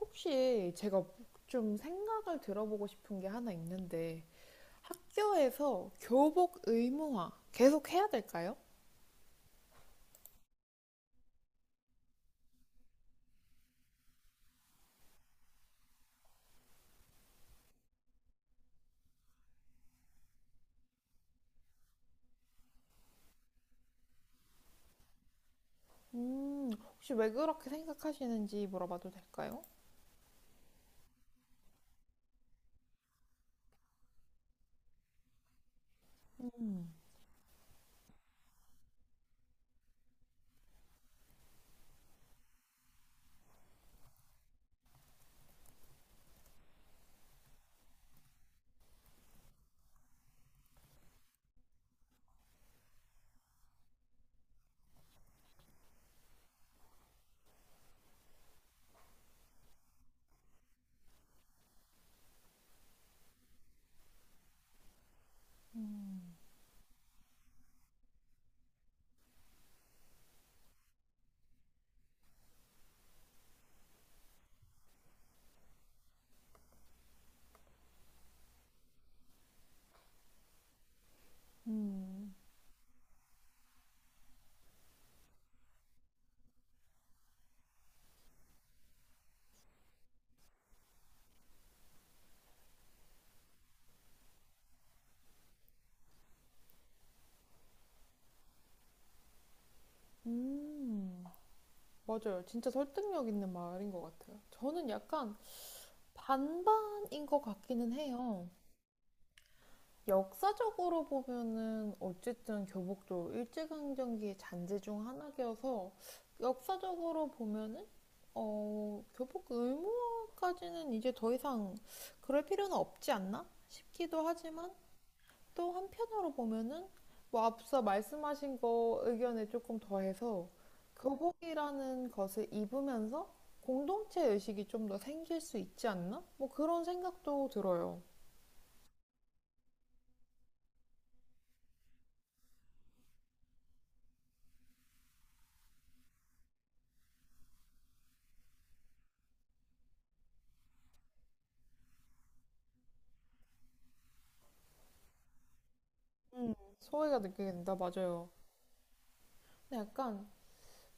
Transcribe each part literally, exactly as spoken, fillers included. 혹시 제가 좀 생각을 들어보고 싶은 게 하나 있는데, 학교에서 교복 의무화 계속 해야 될까요? 음, 혹시 왜 그렇게 생각하시는지 물어봐도 될까요? 음, 음, 맞아요. 진짜 설득력 있는 말인 것 같아요. 저는 약간 반반인 것 같기는 해요. 역사적으로 보면은 어쨌든 교복도 일제강점기의 잔재 중 하나여서 역사적으로 보면은 어, 교복 의무화까지는 이제 더 이상 그럴 필요는 없지 않나 싶기도 하지만 또 한편으로 보면은 뭐 앞서 말씀하신 거 의견에 조금 더해서 교복이라는 것을 입으면서 공동체 의식이 좀 더 생길 수 있지 않나? 뭐 그런 생각도 들어요. 음, 소외가 느끼게 된다, 맞아요. 근데 약간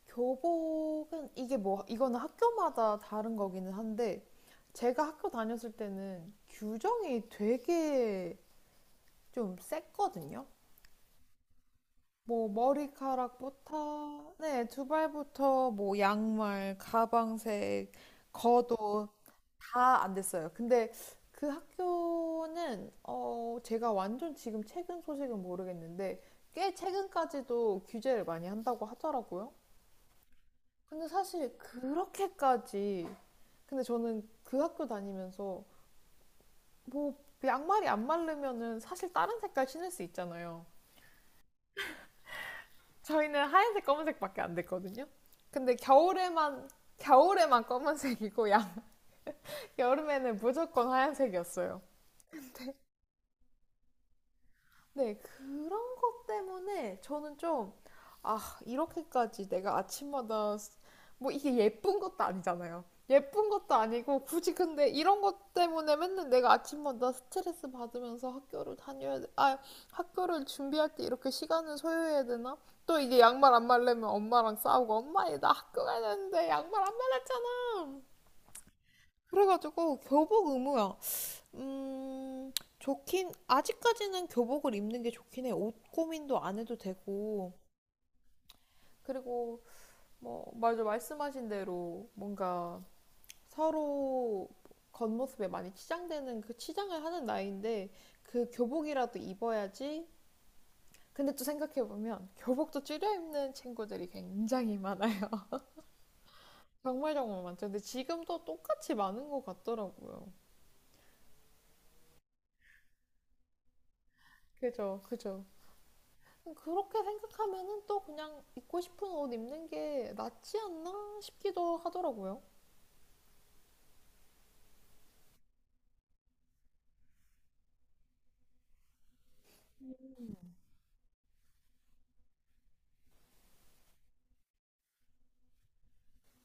교복은 이게 뭐 이거는 학교마다 다른 거기는 한데 제가 학교 다녔을 때는 규정이 되게 좀 셌거든요. 뭐 머리카락부터 네, 두발부터 뭐 양말, 가방색, 겉옷 다 안 됐어요. 근데 그 학교는 어 제가 완전 지금 최근 소식은 모르겠는데 꽤 최근까지도 규제를 많이 한다고 하더라고요. 근데 사실 그렇게까지 근데 저는 그 학교 다니면서 뭐 양말이 안 마르면은 사실 다른 색깔 신을 수 있잖아요. 저희는 하얀색, 검은색밖에 안 됐거든요. 근데 겨울에만 겨울에만 검은색이고 양 여름에는 무조건 하얀색이었어요. 네, 그런 것 때문에 저는 좀, 아, 이렇게까지 내가 아침마다, 뭐 이게 예쁜 것도 아니잖아요. 예쁜 것도 아니고, 굳이 근데 이런 것 때문에 맨날 내가 아침마다 스트레스 받으면서 학교를 다녀야, 돼- 아, 학교를 준비할 때 이렇게 시간을 소요해야 되나? 또 이게 양말 안 말려면 엄마랑 싸우고, 엄마, 얘 나 학교 가야 되는데 양말 안 말랐잖아. 그래가지고 교복 의무야. 음, 좋긴, 아직까지는 교복을 입는 게 좋긴 해. 옷 고민도 안 해도 되고. 그리고, 뭐, 맞아, 말씀하신 대로 뭔가 서로 겉모습에 많이 치장되는 그 치장을 하는 나이인데 그 교복이라도 입어야지. 근데 또 생각해보면 교복도 줄여 입는 친구들이 굉장히 많아요. 정말 정말 많죠. 근데 지금도 똑같이 많은 것 같더라고요. 그죠, 그죠. 그렇게 생각하면은 또 그냥 입고 싶은 옷 입는 게 낫지 않나 싶기도 하더라고요.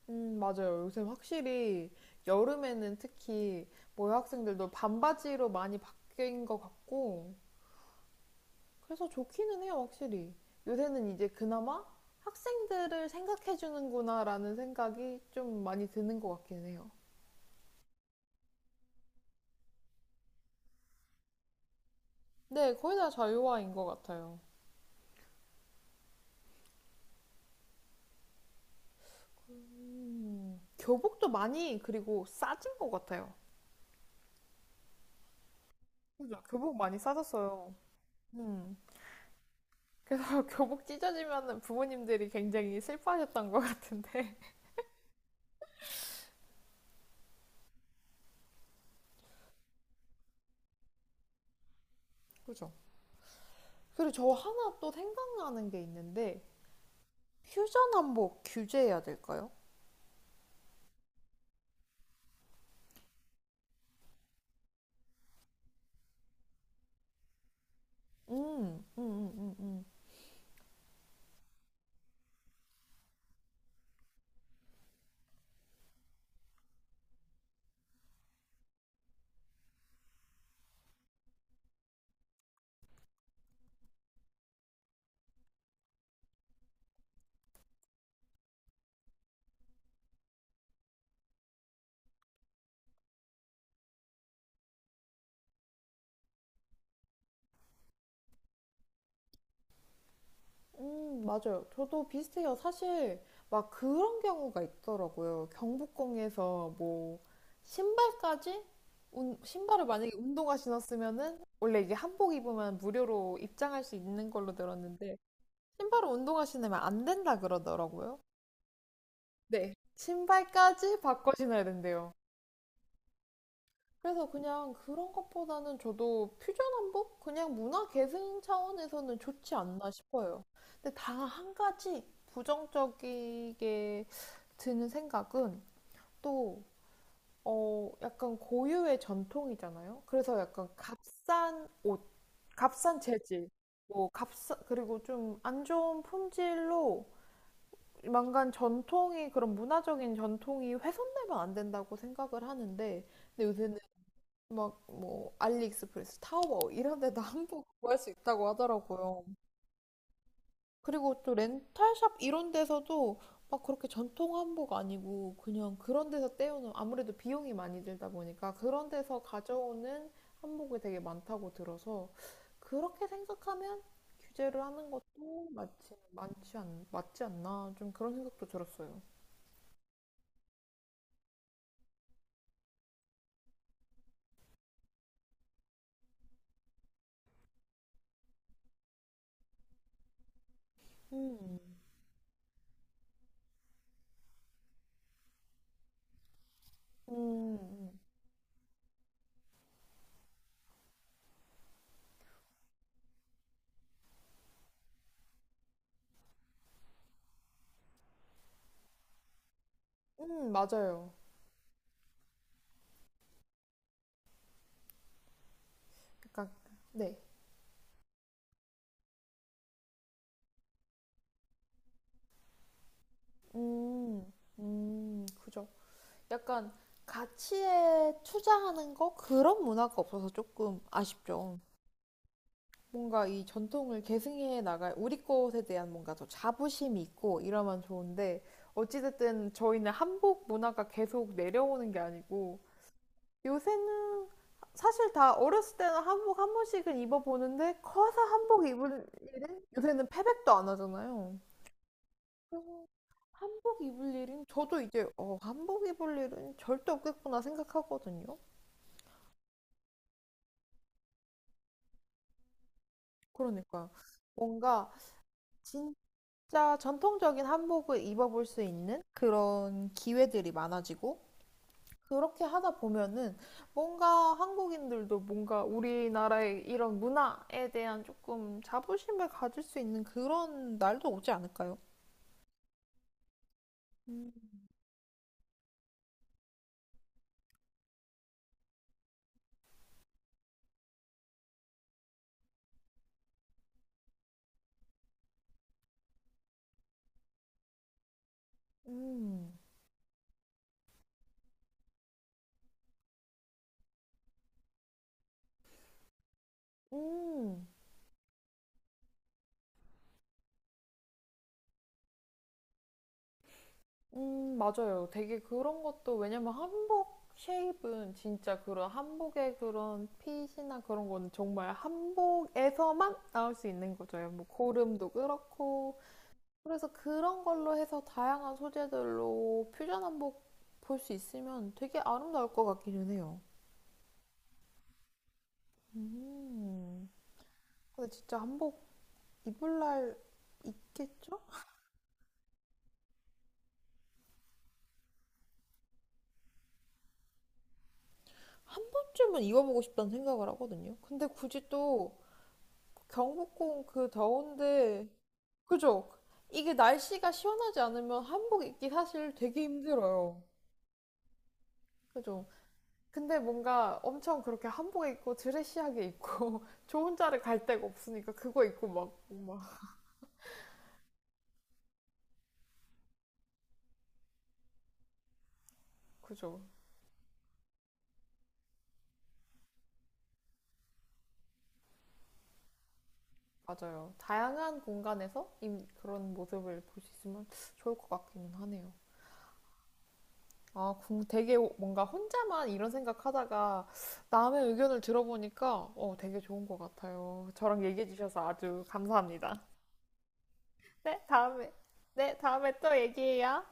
음, 맞아요. 요새 확실히 여름에는 특히 뭐 여학생들도 반바지로 많이 바뀐 것 같고, 그래서 좋기는 해요, 확실히. 요새는 이제 그나마 학생들을 생각해주는구나라는 생각이 좀 많이 드는 것 같긴 해요. 네, 거의 다 자유화인 것 같아요. 음, 교복도 많이, 그리고 싸진 것 같아요. 그죠? 교복 많이 싸졌어요. 음. 그래서 교복 찢어지면은 부모님들이 굉장히 슬퍼하셨던 것 같은데. 그죠. 그리고 저 하나 또 생각나는 게 있는데, 퓨전 한복 규제해야 될까요? 음, 음, 음, 음, 음. 음, 맞아요. 저도 비슷해요. 사실, 막 그런 경우가 있더라고요. 경복궁에서 뭐, 신발까지? 운- 신발을 만약에 운동화 신었으면은, 원래 이게 한복 입으면 무료로 입장할 수 있는 걸로 들었는데, 신발을 운동화 신으면 안 된다 그러더라고요. 네. 신발까지 바꿔 신어야 된대요. 그래서 그냥 그런 것보다는 저도 퓨전 한복? 그냥 문화 계승 차원에서는 좋지 않나 싶어요. 근데 다 한 가지 부정적이게 드는 생각은 또, 어, 약간 고유의 전통이잖아요. 그래서 약간 값싼 옷, 값싼 재질, 뭐, 값싸, 그리고 좀 안 좋은 품질로 만간 전통이 그런 문화적인 전통이 훼손되면 안 된다고 생각을 하는데 근데 요새는 막 뭐 알리익스프레스, 타오바오 이런 데도 한복 구할 수 있다고 하더라고요. 그리고 또 렌탈샵 이런 데서도 막 그렇게 전통 한복 아니고 그냥 그런 데서 떼오는 아무래도 비용이 많이 들다 보니까 그런 데서 가져오는 한복이 되게 많다고 들어서 그렇게 생각하면 규제를 하는 것도 맞지, 맞지 않, 맞지 않나 좀 그런 생각도 들었어요. 음, 음, 음, 음. 음, 맞아요. 약간, 네. 음, 음, 그죠. 약간 가치에 투자하는 거? 그런 문화가 없어서 조금 아쉽죠. 뭔가 이 전통을 계승해 나갈 우리 것에 대한 뭔가 더 자부심이 있고 이러면 좋은데, 어찌됐든 저희는 한복 문화가 계속 내려오는 게 아니고, 요새는 사실 다 어렸을 때는 한복 한 번씩은 입어보는데 커서 한복 입을 일은 요새는 패백도 안 하잖아요. 그래서 한복 입을 일은 저도 이제 어, 한복 입을 일은 절대 없겠구나 생각하거든요. 그러니까 뭔가 진짜 전통적인 한복을 입어볼 수 있는 그런 기회들이 많아지고 그렇게 하다 보면은 뭔가 한국인들도 뭔가 우리나라의 이런 문화에 대한 조금 자부심을 가질 수 있는 그런 날도 오지 않을까요? 음, 음, 음, 음, 맞아요. 되게 그런 것도 왜냐면 한복 쉐입은 진짜 그런 한복의 그런 핏이나 그런 거는 정말 한복에서만 나올 수 있는 거죠. 뭐 고름도 그렇고 그래서 그런 걸로 해서 다양한 소재들로 퓨전 한복 볼 수 있으면 되게 아름다울 것 같기는 해요. 음. 근데 진짜 한복 입을 날 있겠죠? 한 번쯤은 입어보고 싶다는 생각을 하거든요. 근데 굳이 또 경복궁 그 더운데, 그죠? 이게 날씨가 시원하지 않으면 한복 입기 사실 되게 힘들어요. 그죠? 근데 뭔가 엄청 그렇게 한복 입고 드레시하게 입고 저 혼자를 갈 데가 없으니까 그거 입고 막, 막 그죠. 맞아요. 다양한 공간에서 이- 그런 모습을 볼 수 있으면 좋을 것 같기는 하네요. 아, 궁- 되게 뭔가 혼자만 이런 생각하다가 남의 의견을 들어보니까 어, 되게 좋은 것 같아요. 저랑 얘기해 주셔서 아주 감사합니다. 네, 다음에, 네, 다음에 또 얘기해요.